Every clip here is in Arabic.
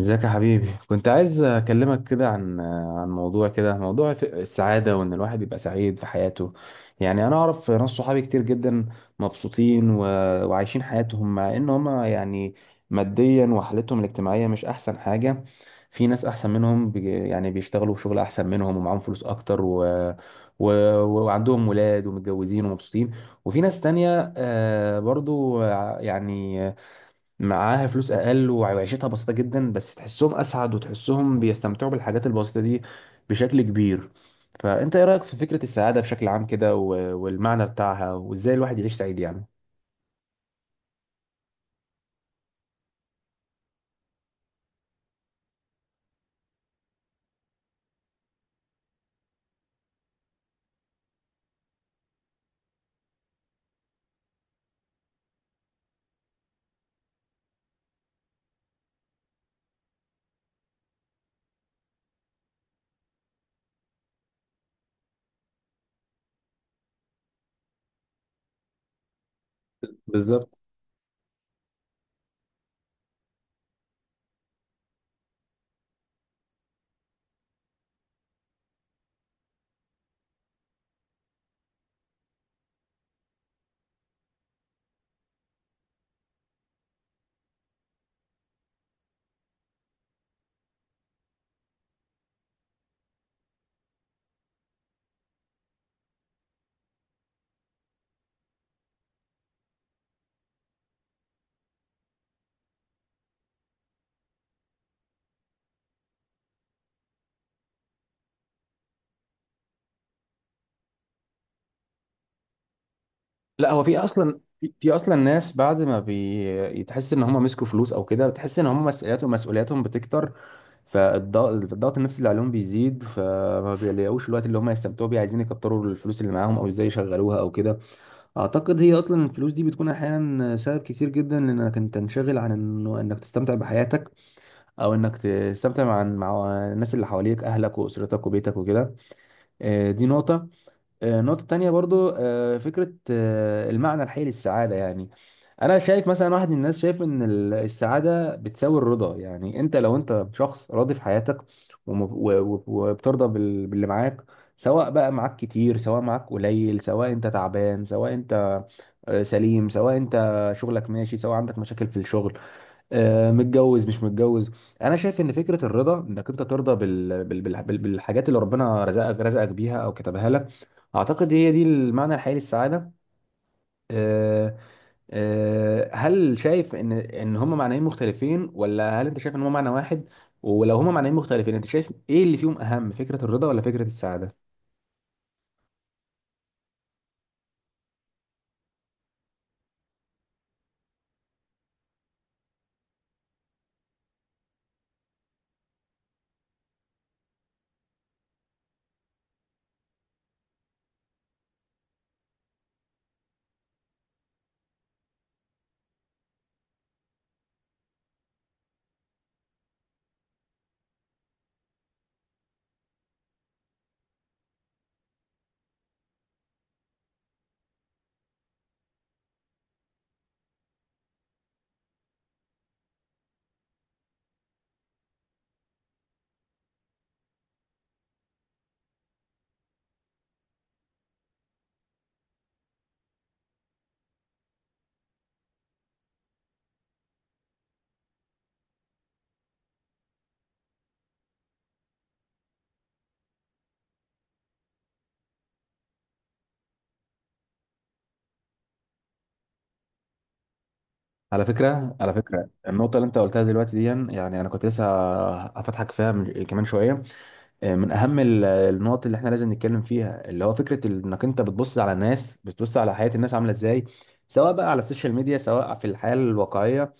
ازيك يا حبيبي؟ كنت عايز اكلمك كده عن موضوع كده، موضوع السعاده، وان الواحد يبقى سعيد في حياته. يعني انا اعرف ناس صحابي كتير جدا مبسوطين وعايشين حياتهم، مع ان هم يعني ماديا وحالتهم الاجتماعيه مش احسن حاجه. في ناس احسن منهم يعني بيشتغلوا في شغل احسن منهم ومعاهم فلوس اكتر و... وعندهم ولاد ومتجوزين ومبسوطين. وفي ناس تانية، آه، برضو، يعني معاها فلوس اقل وعيشتها بسيطه جدا، بس تحسهم اسعد وتحسهم بيستمتعوا بالحاجات البسيطه دي بشكل كبير. فانت ايه رايك في فكره السعاده بشكل عام كده والمعنى بتاعها، وازاي الواحد يعيش سعيد يعني؟ بالظبط. لا، هو في اصلا في اصلا ناس بعد ما بيتحس ان هم مسكوا فلوس او كده، بتحس ان هم مسؤولياتهم بتكتر. الضغط النفسي اللي عليهم بيزيد، فما بيلاقوش الوقت اللي هم يستمتعوا بيه. عايزين يكتروا الفلوس اللي معاهم او ازاي يشغلوها او كده. اعتقد هي اصلا الفلوس دي بتكون احيانا سبب كتير جدا لانك انت تنشغل عن انه انك تستمتع بحياتك، او انك تستمتع مع الناس اللي حواليك، اهلك واسرتك وبيتك وكده. آه، دي نقطة. آه، نقطة تانية برضو، فكرة، المعنى الحقيقي للسعادة يعني. انا شايف مثلا واحد من الناس شايف ان السعادة بتساوي الرضا، يعني انت لو انت شخص راضي في حياتك، وم- و- وبترضى باللي معاك، سواء بقى معاك كتير سواء معاك قليل، سواء انت تعبان سواء انت، آه، سليم، سواء انت شغلك ماشي سواء عندك مشاكل في الشغل، آه، متجوز مش متجوز. انا شايف ان فكره الرضا، انك انت ترضى بالحاجات اللي ربنا رزقك بيها او كتبها لك، اعتقد هي دي المعنى الحقيقي للسعاده. آه، آه، هل شايف ان هما معنيين مختلفين، ولا هل انت شايف ان هما معنى واحد؟ ولو هما معنيين مختلفين، انت شايف ايه اللي فيهم اهم، فكره الرضا ولا فكره السعاده؟ على فكرة، على فكرة النقطة اللي أنت قلتها دلوقتي دي، يعني أنا كنت لسه هفتحك فيها كمان شوية. آه، من أهم النقط اللي إحنا لازم نتكلم فيها، اللي هو فكرة إنك أنت بتبص على الناس، بتبص على حياة الناس عاملة إزاي، سواء بقى على السوشيال ميديا سواء في الحياة الواقعية.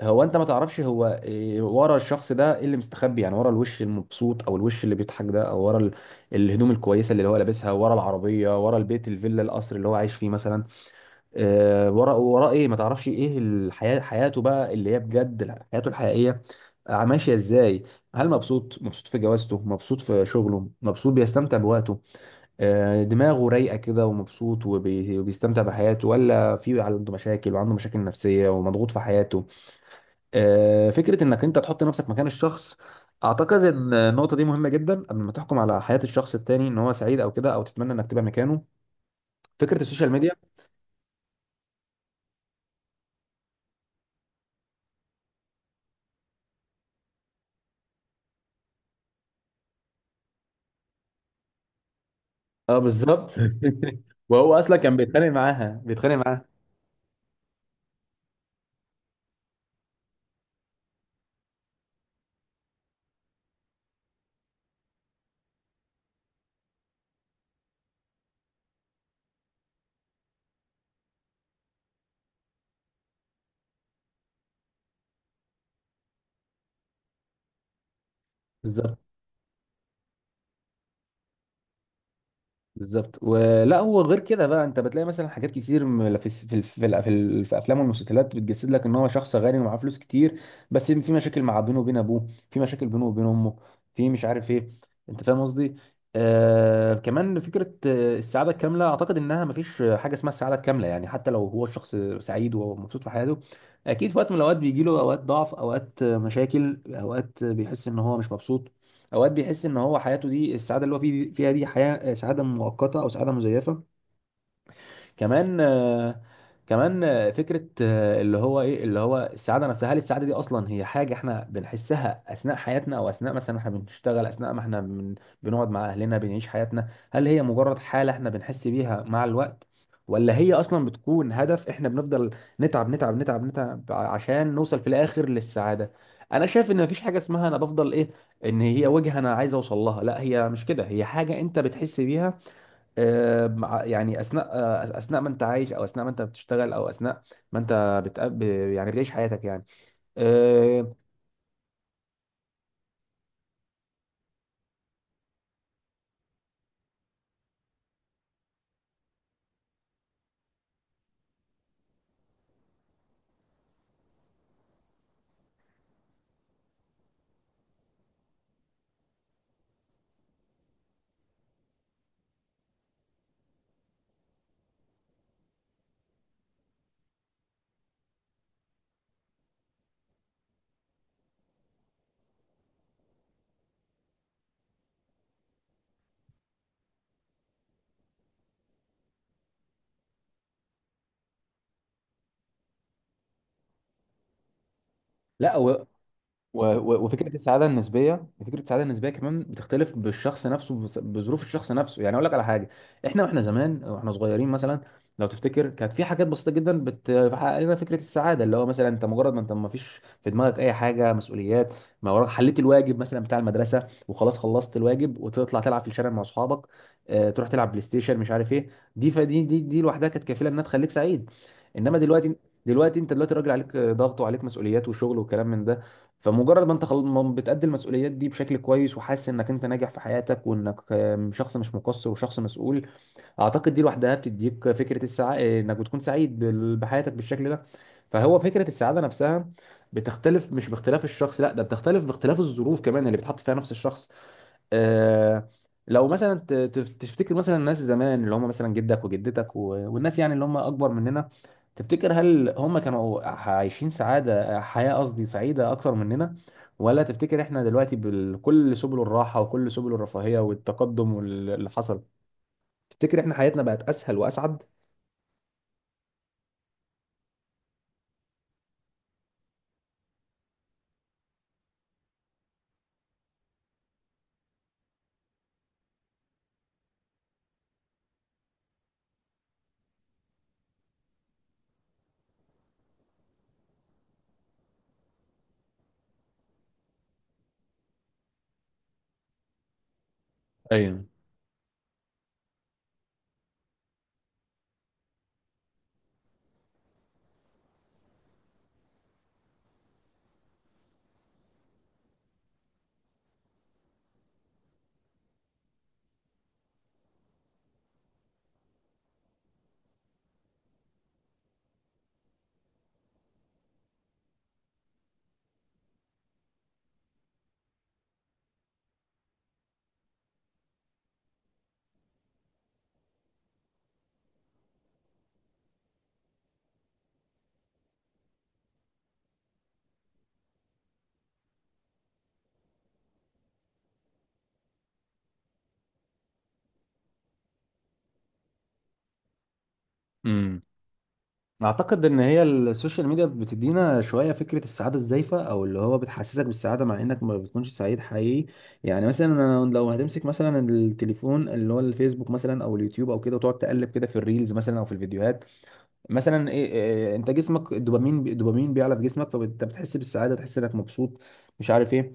هو أنت ما تعرفش هو إيه ورا الشخص ده، إيه اللي مستخبي، يعني ورا الوش المبسوط أو الوش اللي بيضحك ده، أو ورا الهدوم الكويسة اللي هو لابسها، ورا العربية، ورا البيت الفيلا القصر اللي هو عايش فيه مثلا. آه، ورا ايه؟ ما تعرفش ايه الحياه، حياته بقى اللي هي بجد حياته الحقيقيه، آه، ماشيه ازاي. هل مبسوط، مبسوط في جوازته، مبسوط في شغله، مبسوط بيستمتع بوقته، آه، دماغه رايقه كده ومبسوط وبيستمتع بحياته، ولا في عنده مشاكل وعنده مشاكل نفسيه ومضغوط في حياته؟ آه، فكره انك انت تحط نفسك مكان الشخص. اعتقد ان النقطه دي مهمه جدا قبل ما تحكم على حياه الشخص التاني ان هو سعيد او كده، او تتمنى انك تبقى مكانه. فكره السوشيال ميديا. اه، بالظبط. وهو اصلا كان بيتخانق معاها. بالظبط. بالظبط. ولا هو غير كده بقى، انت بتلاقي مثلا حاجات كتير م- في الس- في الف- في الأف- في الف- في افلام والمسلسلات بتجسد لك ان هو شخص غني ومعاه فلوس كتير، بس في مشاكل مع بينه وبين ابوه، في مشاكل بينه وبين امه، في مش عارف ايه. انت فاهم قصدي؟ آه كمان فكره، آه، السعاده الكامله. اعتقد انها مفيش حاجه اسمها السعاده الكامله، يعني حتى لو هو الشخص سعيد ومبسوط في حياته، اكيد في وقت من الاوقات بيجي له اوقات ضعف، اوقات، آه، مشاكل، اوقات، آه، بيحس ان هو مش مبسوط، اوقات بيحس ان هو حياته دي السعاده اللي هو فيه فيها دي، حياه سعاده مؤقته او سعاده مزيفه. كمان، فكره، اللي هو ايه اللي هو السعاده نفسها. هل السعاده دي اصلا هي حاجه احنا بنحسها اثناء حياتنا، او اثناء مثلا احنا بنشتغل، اثناء ما احنا بنقعد مع اهلنا، بنعيش حياتنا؟ هل هي مجرد حاله احنا بنحس بيها مع الوقت، ولا هي اصلا بتكون هدف احنا بنفضل نتعب نتعب نتعب نتعب عشان نوصل في الاخر للسعاده؟ انا شايف ان مفيش حاجه اسمها انا بفضل ايه، ان هي وجهه انا عايز اوصل لها. لا، هي مش كده، هي حاجه انت بتحس بيها، آه، يعني اثناء، اثناء ما انت عايش، او اثناء ما انت بتشتغل، او اثناء ما انت بتقابل، يعني بتعيش حياتك يعني. آه. لا، وفكره السعاده النسبيه، فكره السعاده النسبيه كمان بتختلف بالشخص نفسه، بظروف الشخص نفسه. يعني اقول لك على حاجه، احنا واحنا زمان واحنا صغيرين مثلا، لو تفتكر، كانت في حاجات بسيطه جدا بتحقق لنا فكره السعاده، اللي هو مثلا انت مجرد ما انت ما فيش في دماغك اي حاجه مسؤوليات، ما وراك، حليت الواجب مثلا بتاع المدرسه وخلاص، خلصت الواجب وتطلع تلعب في الشارع مع اصحابك، آه، تروح تلعب بلاي ستيشن مش عارف ايه، دي فدي دي دي لوحدها كانت كفيله انها تخليك سعيد. انما دلوقتي انت دلوقتي راجل، عليك ضغط وعليك مسؤوليات وشغل وكلام من ده. فمجرد ما انت ما بتأدي المسؤوليات دي بشكل كويس وحاسس انك انت ناجح في حياتك وانك، آم، شخص مش مقصر وشخص مسؤول، اعتقد دي لوحدها بتديك فكرة السعادة، انك بتكون سعيد بحياتك بالشكل ده. فهو فكرة السعادة نفسها بتختلف، مش باختلاف الشخص لا، ده بتختلف باختلاف الظروف كمان اللي بتحط فيها نفس الشخص. آه، لو مثلا تفتكر مثلا الناس زمان اللي هم مثلا جدك وجدتك والناس، يعني اللي هم اكبر مننا، تفتكر هل هم كانوا عايشين سعادة، حياة قصدي سعيدة اكتر مننا؟ ولا تفتكر احنا دلوقتي بكل سبل الراحة وكل سبل الرفاهية والتقدم واللي حصل، تفتكر احنا حياتنا بقت اسهل واسعد؟ ايوه. اعتقد ان هي السوشيال ميديا بتدينا شويه فكره السعاده الزائفه، او اللي هو بتحسسك بالسعاده مع انك ما بتكونش سعيد حقيقي. يعني مثلا انا لو هتمسك مثلا التليفون، اللي هو الفيسبوك مثلا او اليوتيوب او كده، وتقعد تقلب كده في الريلز مثلا او في الفيديوهات، مثلا ايه، إيه، انت جسمك الدوبامين، الدوبامين بيعلى في جسمك، فانت بتحس بالسعاده، تحس انك مبسوط مش عارف ايه.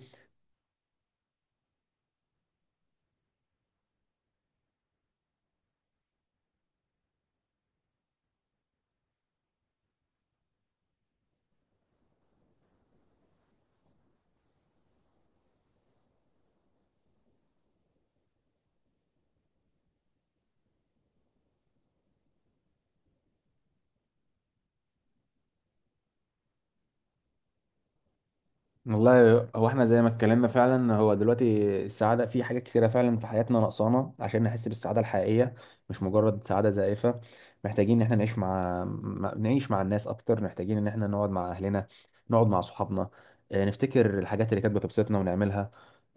والله، هو احنا زي ما اتكلمنا، فعلا هو دلوقتي السعاده في حاجات كتيره فعلا في حياتنا ناقصانا عشان نحس بالسعاده الحقيقيه، مش مجرد سعاده زائفه. محتاجين ان احنا نعيش مع نعيش مع الناس اكتر، محتاجين ان احنا نقعد مع اهلنا، نقعد مع صحابنا، آه، نفتكر الحاجات اللي كانت بتبسطنا ونعملها،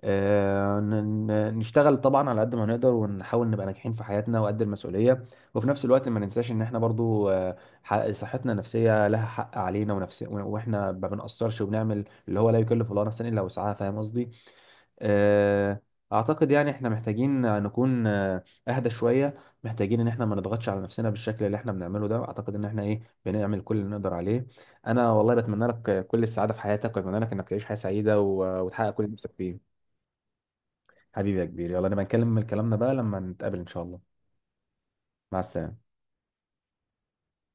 آه، نشتغل طبعا على قد ما نقدر ونحاول نبقى ناجحين في حياتنا وقد المسؤولية، وفي نفس الوقت ما ننساش ان احنا برضو، آه، صحتنا النفسية لها حق علينا ونفس، واحنا ما بنقصرش وبنعمل اللي هو لا يكلف الله نفسا الا وسعها. فاهم قصدي؟ آه، اعتقد يعني احنا محتاجين نكون، آه، اهدى شوية، محتاجين ان احنا ما نضغطش على نفسنا بالشكل اللي احنا بنعمله ده. اعتقد ان احنا ايه، بنعمل كل اللي نقدر عليه. انا والله بتمنى لك كل السعادة في حياتك، واتمنى لك انك تعيش حياة سعيدة وتحقق كل اللي نفسك فيه. حبيبي يا كبير، يلا نبقى نكلم كلامنا بقى لما نتقابل ان شاء الله. مع السلامة.